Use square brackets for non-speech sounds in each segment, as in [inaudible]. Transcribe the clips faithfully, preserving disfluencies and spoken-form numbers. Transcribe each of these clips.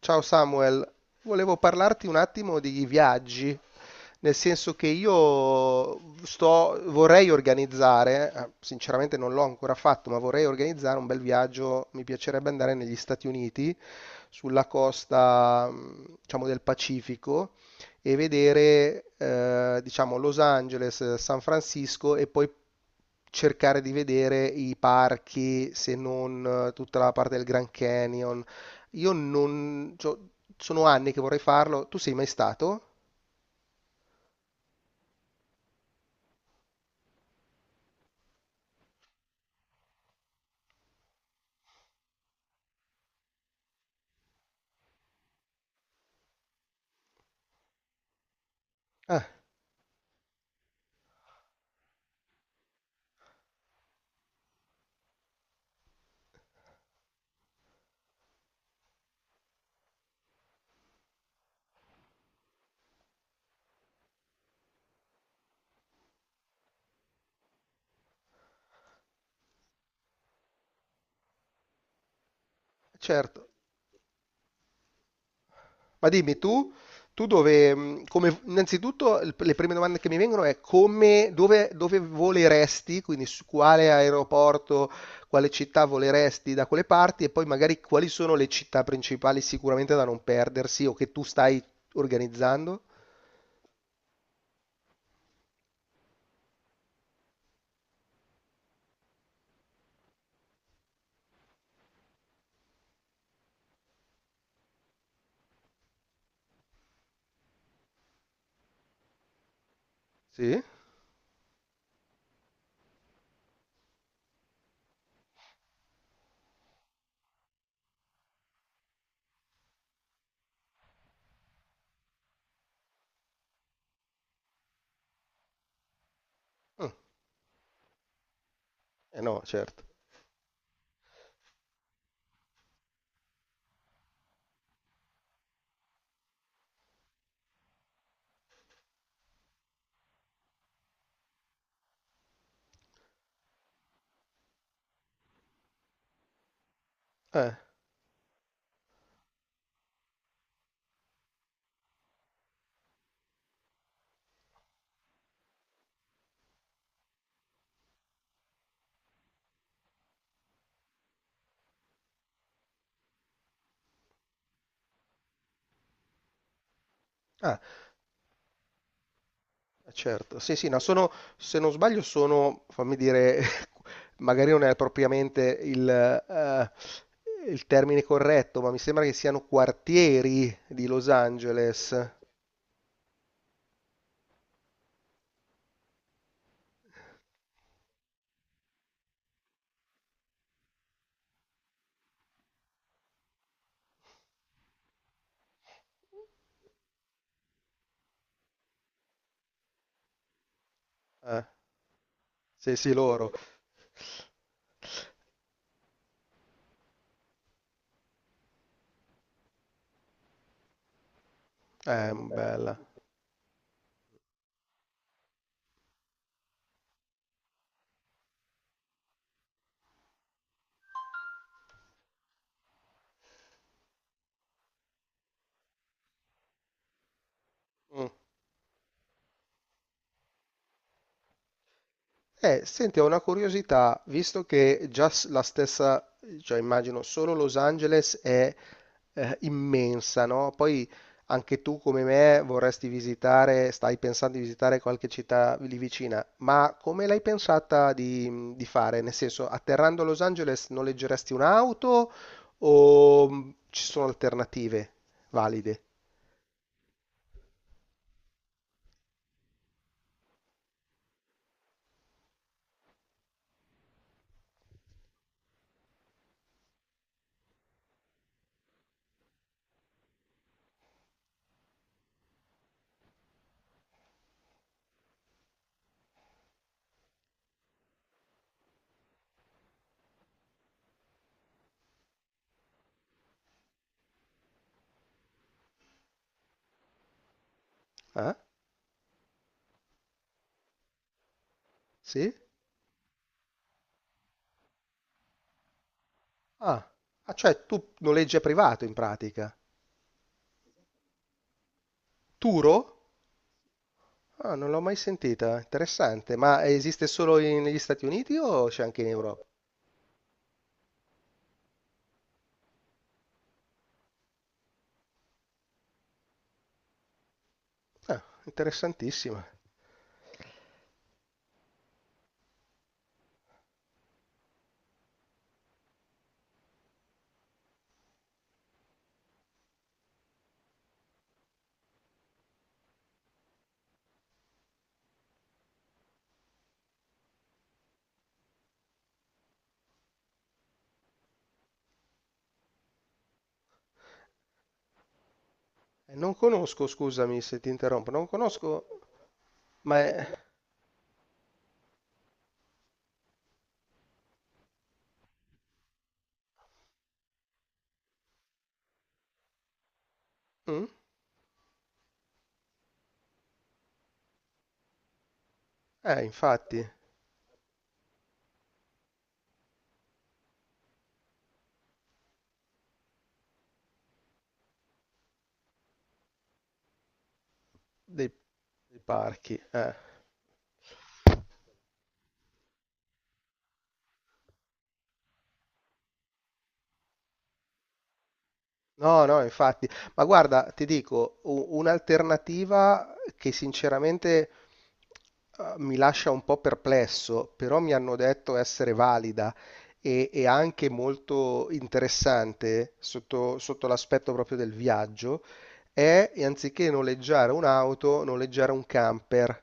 Ciao Samuel, volevo parlarti un attimo di viaggi, nel senso che io sto, vorrei organizzare, eh, sinceramente non l'ho ancora fatto, ma vorrei organizzare un bel viaggio, mi piacerebbe andare negli Stati Uniti, sulla costa, mh, diciamo, del Pacifico e vedere, eh, diciamo, Los Angeles, San Francisco e poi cercare di vedere i parchi, se non eh, tutta la parte del Grand Canyon io non... cioè, Sono anni che vorrei farlo. Tu sei mai stato? Ah, certo. Ma dimmi tu, tu dove... mh, come- innanzitutto il- le prime domande che mi vengono è come, dove, dove voleresti, quindi su quale aeroporto, quale città voleresti da quelle parti e poi magari quali sono le città principali sicuramente da non perdersi o che tu stai organizzando? Sì? Mm, eh no, certo. Eh, ah, eh, certo, sì, sì, no, sono, se non sbaglio sono, fammi dire, [laughs] magari non è propriamente il, eh, il termine corretto, ma mi sembra che siano quartieri di Los Angeles. Eh, sì, sì, loro. Eh, bella. Mm. Eh, senti, ho una curiosità, visto che già s- la stessa, cioè immagino solo Los Angeles è eh, immensa, no? Poi anche tu come me vorresti visitare, stai pensando di visitare qualche città lì vicina, ma come l'hai pensata di, di fare? Nel senso, atterrando a Los Angeles noleggeresti un'auto o mh, ci sono alternative valide? Eh? Sì? Ah, ah, cioè tu noleggi a privato in pratica. Turo? Ah, non l'ho mai sentita, interessante. Ma esiste solo in- negli Stati Uniti o c'è anche in Europa? Ah, interessantissima. Eh, Non conosco, scusami se ti interrompo, non conosco, ma è... Mm? Eh, infatti, dei, dei parchi. Eh. No, no, infatti, ma guarda, ti dico, u- un'alternativa che sinceramente eh, mi lascia un po' perplesso, però mi hanno detto essere valida e, e anche molto interessante sotto, sotto l'aspetto proprio del viaggio, è anziché noleggiare un'auto, noleggiare un camper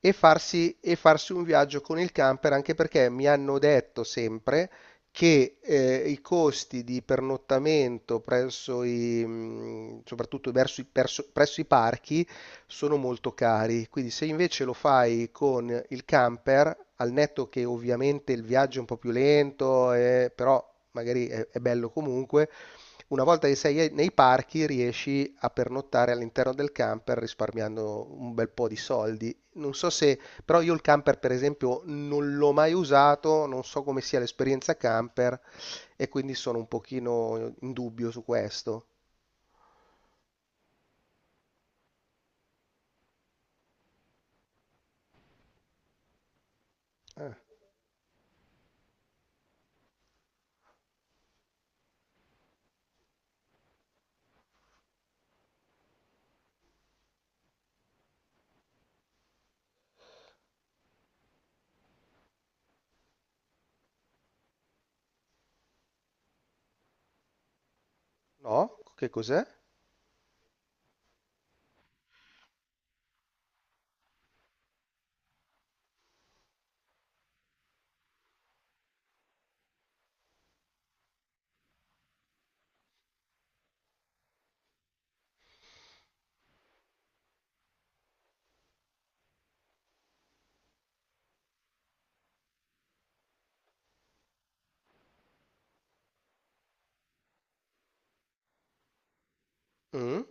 e farsi, e farsi un viaggio con il camper, anche perché mi hanno detto sempre che, ehm, i costi di pernottamento presso i mhmm, soprattutto verso i perso presso i parchi, sono molto cari. Quindi se invece lo fai con il camper, al netto che ovviamente il viaggio è un po' più lento, ehm, però magari è è bello comunque, una volta che sei e nei parchi riesci a pernottare all'interno del camper risparmiando un bel po' di soldi. Non so se però io il camper, per esempio, non l'ho mai usato, non so come sia l'esperienza camper e quindi sono un pochino in dubbio su questo. Eh, no? Che cos'è? Mm?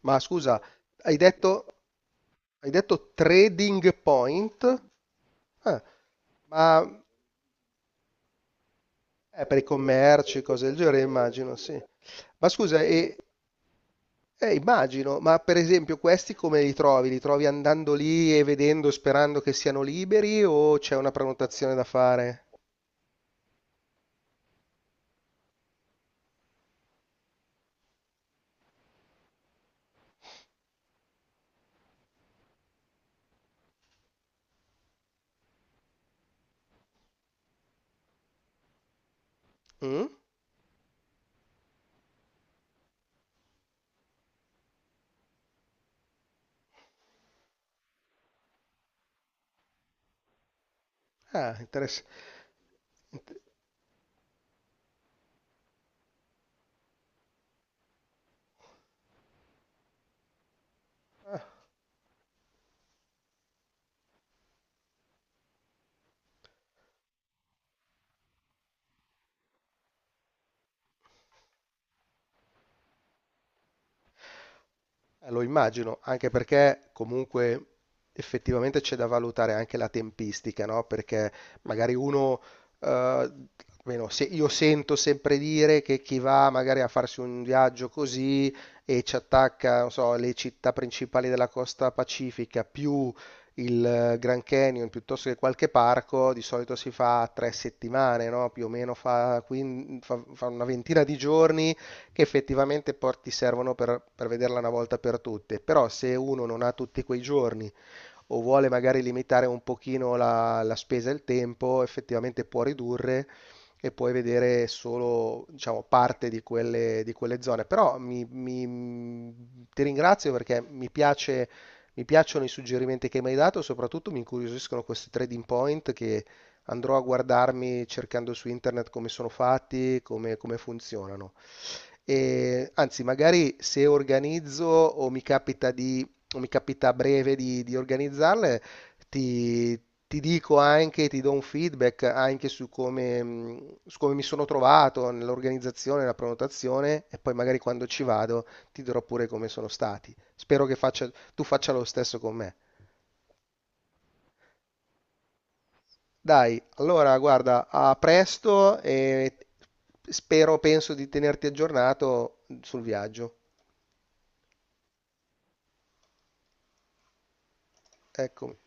Ma scusa, hai detto, hai detto trading point? Ah, ma eh, per i commerci, cose del genere, immagino, sì. Ma scusa, e, eh, immagino, ma per esempio questi come li trovi? Li trovi andando lì e vedendo, sperando che siano liberi o c'è una prenotazione da fare? Mm? Ah, interessante. Eh, Lo immagino, anche perché comunque effettivamente c'è da valutare anche la tempistica, no? Perché magari uno, eh, almeno se- io sento sempre dire che chi va magari a farsi un viaggio così e ci attacca, non so, le città principali della costa pacifica più il eh, Grand Canyon piuttosto che qualche parco, di solito si fa tre settimane, no? Più o meno fa, quin- fa fa una ventina di giorni che effettivamente por- ti servono per, per vederla una volta per tutte, però se uno non ha tutti quei giorni o vuole magari limitare un pochino la, la spesa e il tempo, effettivamente può ridurre e puoi vedere solo, diciamo, parte di quelle, di quelle zone. Però mi- mi- ti ringrazio perché mi piace, mi piacciono i suggerimenti che mi hai dato, soprattutto mi incuriosiscono questi trading point che andrò a guardarmi cercando su internet come sono fatti, come come funzionano. E, anzi, magari se organizzo o mi capita di, o mi capita a breve di, di organizzarle, ti, ti dico anche, ti do un feedback anche su come, mh, su come mi sono trovato nell'organizzazione, nella prenotazione e poi magari quando ci vado ti dirò pure come sono stati. Spero che faccia- tu faccia lo stesso con me. Dai, allora guarda, a presto e spero, penso di tenerti aggiornato sul viaggio. Eccomi.